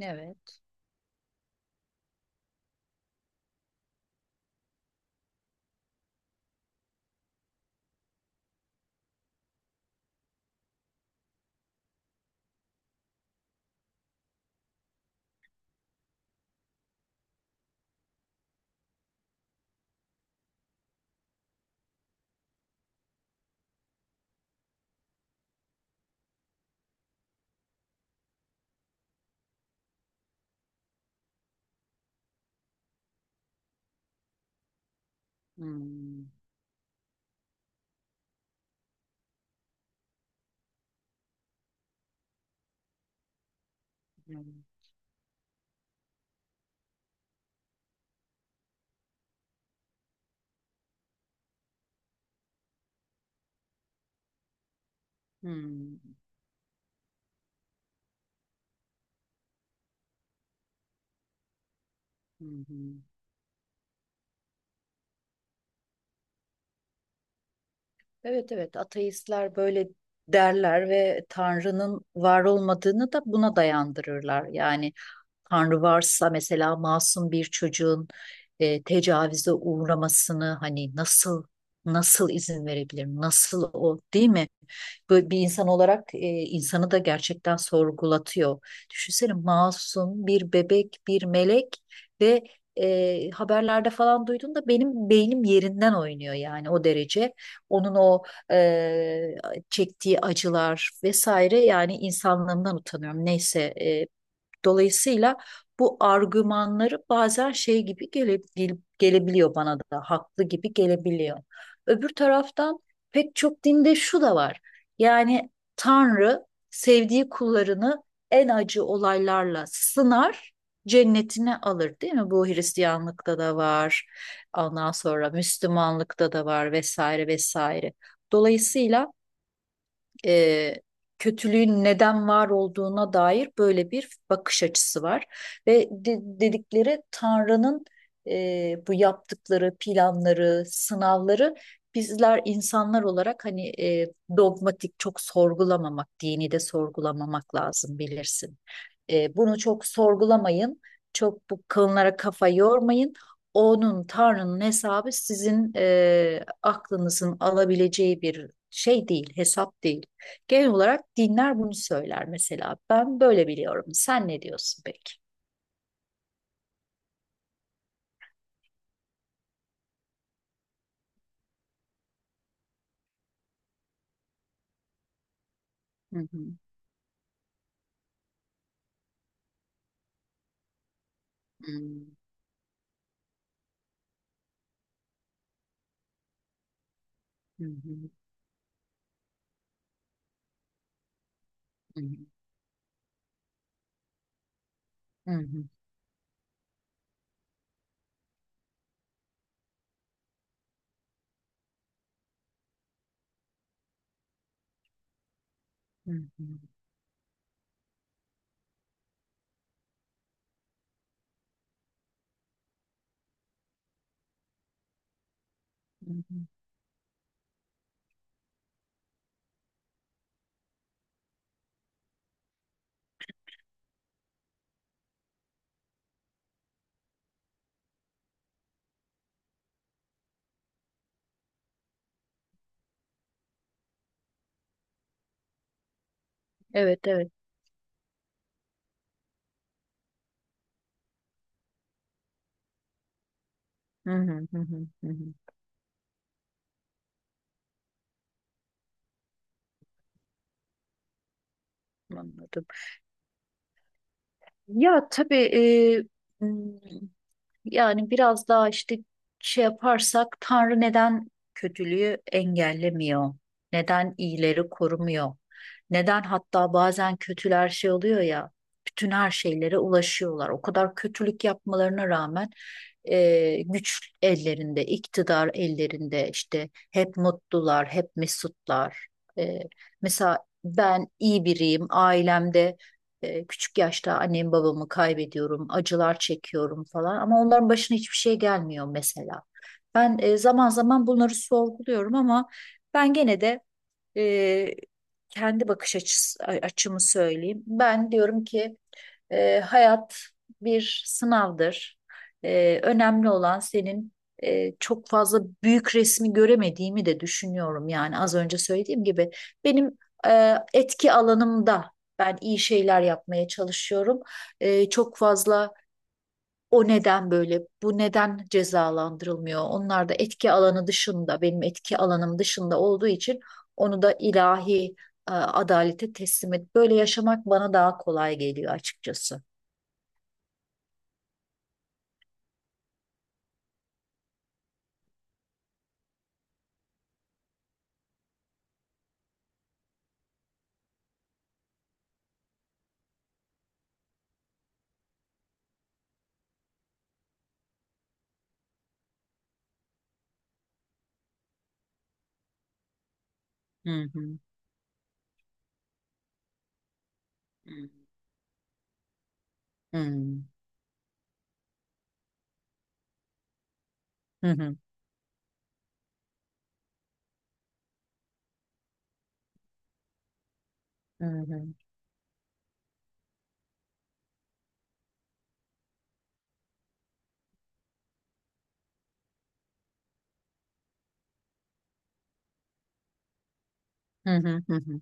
Evet. Hmm, evet. Hmm, hı hı. Evet, evet, ateistler böyle derler ve Tanrı'nın var olmadığını da buna dayandırırlar. Yani Tanrı varsa mesela masum bir çocuğun tecavüze uğramasını hani nasıl izin verebilir? Nasıl o değil mi? Böyle bir insan olarak insanı da gerçekten sorgulatıyor. Düşünsene masum bir bebek, bir melek ve haberlerde falan duyduğumda benim beynim yerinden oynuyor yani o derece onun o e, çektiği acılar vesaire yani insanlığımdan utanıyorum. Neyse, dolayısıyla bu argümanları bazen şey gibi gelebiliyor, bana da haklı gibi gelebiliyor. Öbür taraftan pek çok dinde şu da var. Yani Tanrı sevdiği kullarını en acı olaylarla sınar, cennetine alır değil mi? Bu Hristiyanlıkta da var. Ondan sonra Müslümanlıkta da var vesaire vesaire. Dolayısıyla e, kötülüğün neden var olduğuna dair böyle bir bakış açısı var. Ve dedikleri Tanrı'nın bu yaptıkları planları, sınavları bizler insanlar olarak hani dogmatik, çok sorgulamamak, dini de sorgulamamak lazım, bilirsin. Bunu çok sorgulamayın, çok bu konulara kafa yormayın. Onun, Tanrı'nın hesabı sizin aklınızın alabileceği bir şey değil, hesap değil. Genel olarak dinler bunu söyler mesela. Ben böyle biliyorum. Sen ne diyorsun peki? Hı hı. Hı hı. Hı hı. Hı hı. Hı hı. Hı hı. Evet, evet. Hı hı. Hı hı. Hı hı. Anladım. Ya tabii, e, m, yani biraz daha işte şey yaparsak, Tanrı neden kötülüğü engellemiyor? Neden iyileri korumuyor? Neden hatta bazen kötüler şey oluyor ya, bütün her şeylere ulaşıyorlar. O kadar kötülük yapmalarına rağmen güç ellerinde, iktidar ellerinde, işte hep mutlular, hep mesutlar. E, Mesela ben iyi biriyim, ailemde küçük yaşta annemi babamı kaybediyorum, acılar çekiyorum falan, ama onların başına hiçbir şey gelmiyor mesela. Ben zaman zaman bunları sorguluyorum, ama ben gene de e, kendi bakış açısı, açımı söyleyeyim. Ben diyorum ki hayat bir sınavdır. Önemli olan senin çok fazla büyük resmi göremediğimi de düşünüyorum. Yani az önce söylediğim gibi benim etki alanımda ben iyi şeyler yapmaya çalışıyorum. Çok fazla o neden böyle, bu neden cezalandırılmıyor? Onlar da etki alanı dışında, benim etki alanım dışında olduğu için onu da ilahi adalete teslim et. Böyle yaşamak bana daha kolay geliyor açıkçası. Hı hı. Hı hı. Hı hı. Hı hı. Hı hı. Hı hı.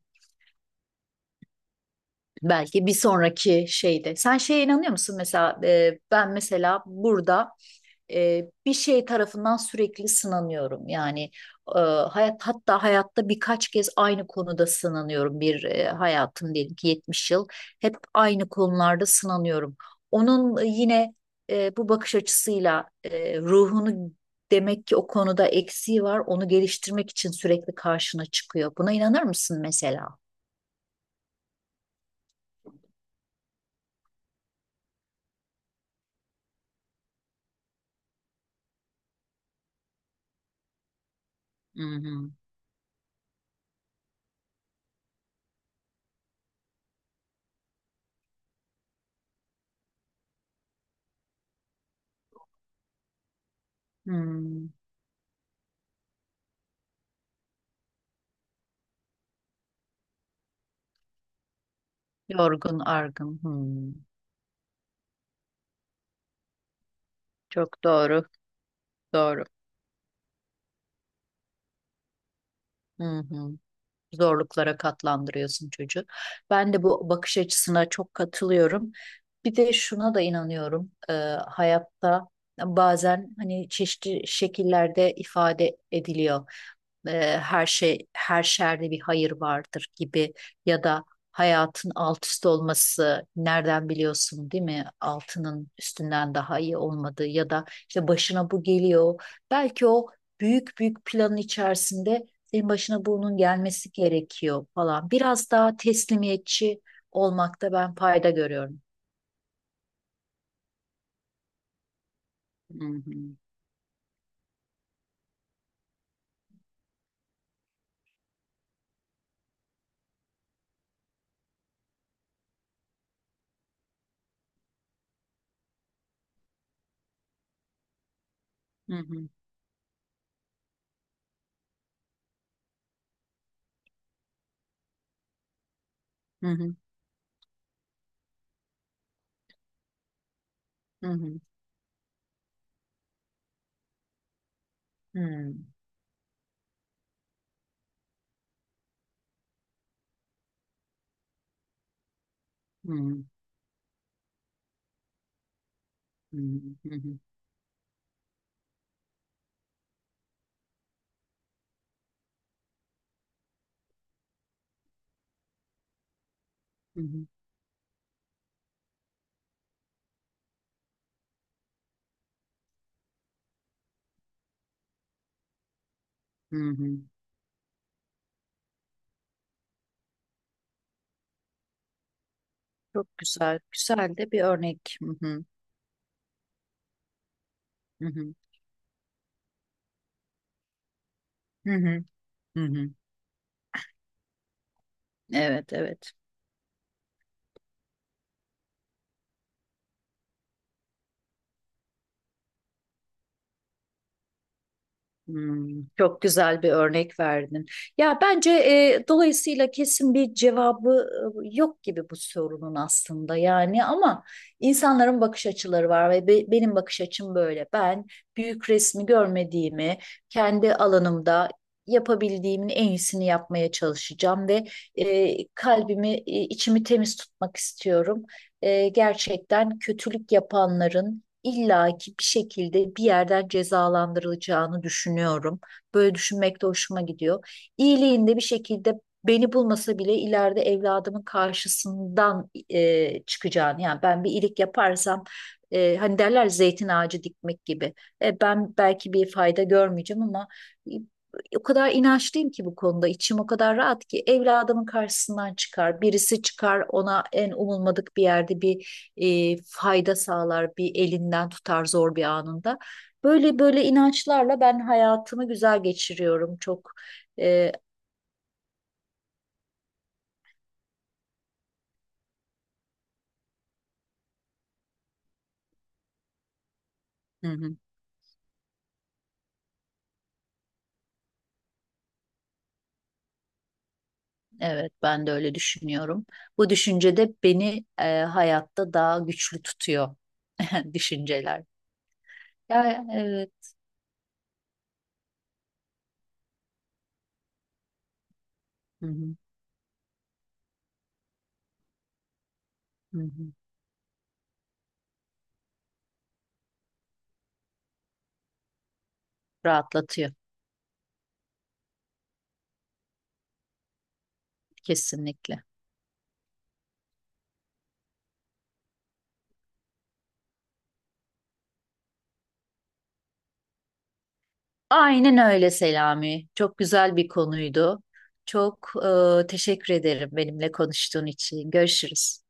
Belki bir sonraki şeyde. Sen şeye inanıyor musun mesela? Ben mesela burada bir şey tarafından sürekli sınanıyorum. Yani hayat, hatta hayatta birkaç kez aynı konuda sınanıyorum. Bir, hayatım diyelim ki 70 yıl, hep aynı konularda sınanıyorum. Onun yine bu bakış açısıyla ruhunu, demek ki o konuda eksiği var. Onu geliştirmek için sürekli karşına çıkıyor. Buna inanır mısın mesela? Hı hı. Hmm. Yorgun, argın. Hmm. Çok doğru, doğru. Hı hı. Zorluklara katlandırıyorsun çocuğu. Ben de bu bakış açısına çok katılıyorum. Bir de şuna da inanıyorum. Hayatta bazen hani çeşitli şekillerde ifade ediliyor. Her şey, her şerde bir hayır vardır gibi, ya da hayatın alt üst olması nereden biliyorsun değil mi? Altının üstünden daha iyi olmadığı, ya da işte başına bu geliyor. Belki o büyük büyük planın içerisinde en başına bunun gelmesi gerekiyor falan. Biraz daha teslimiyetçi olmakta ben fayda görüyorum. Hı hı. Hı hı. Hı hı. Hı hı. Hı hı. Hı hı. Hı hı. Hı hı. Hı hı. Çok güzel, güzel de bir örnek. Hı hı. Hı hı. Hı hı. Hı hı. Evet, evet. Hmm, çok güzel bir örnek verdin. Ya bence dolayısıyla kesin bir cevabı yok gibi bu sorunun aslında, yani ama insanların bakış açıları var ve benim bakış açım böyle. Ben büyük resmi görmediğimi, kendi alanımda yapabildiğimin en iyisini yapmaya çalışacağım ve kalbimi, içimi temiz tutmak istiyorum. Gerçekten kötülük yapanların illaki bir şekilde bir yerden cezalandırılacağını düşünüyorum. Böyle düşünmek de hoşuma gidiyor. İyiliğinde bir şekilde beni bulmasa bile ileride evladımın karşısından çıkacağını, yani ben bir iyilik yaparsam, hani derler, zeytin ağacı dikmek gibi. Ben belki bir fayda görmeyeceğim, ama e, o kadar inançlıyım ki bu konuda, içim o kadar rahat ki evladımın karşısından çıkar, birisi çıkar ona en umulmadık bir yerde bir fayda sağlar, bir elinden tutar zor bir anında. Böyle böyle inançlarla ben hayatımı güzel geçiriyorum. Çok e, hı hı, evet, ben de öyle düşünüyorum. Bu düşünce de beni hayatta daha güçlü tutuyor. Düşünceler. Ya evet. Hı hı. Hı hı. Rahatlatıyor kesinlikle. Aynen öyle Selami. Çok güzel bir konuydu. Çok teşekkür ederim benimle konuştuğun için. Görüşürüz.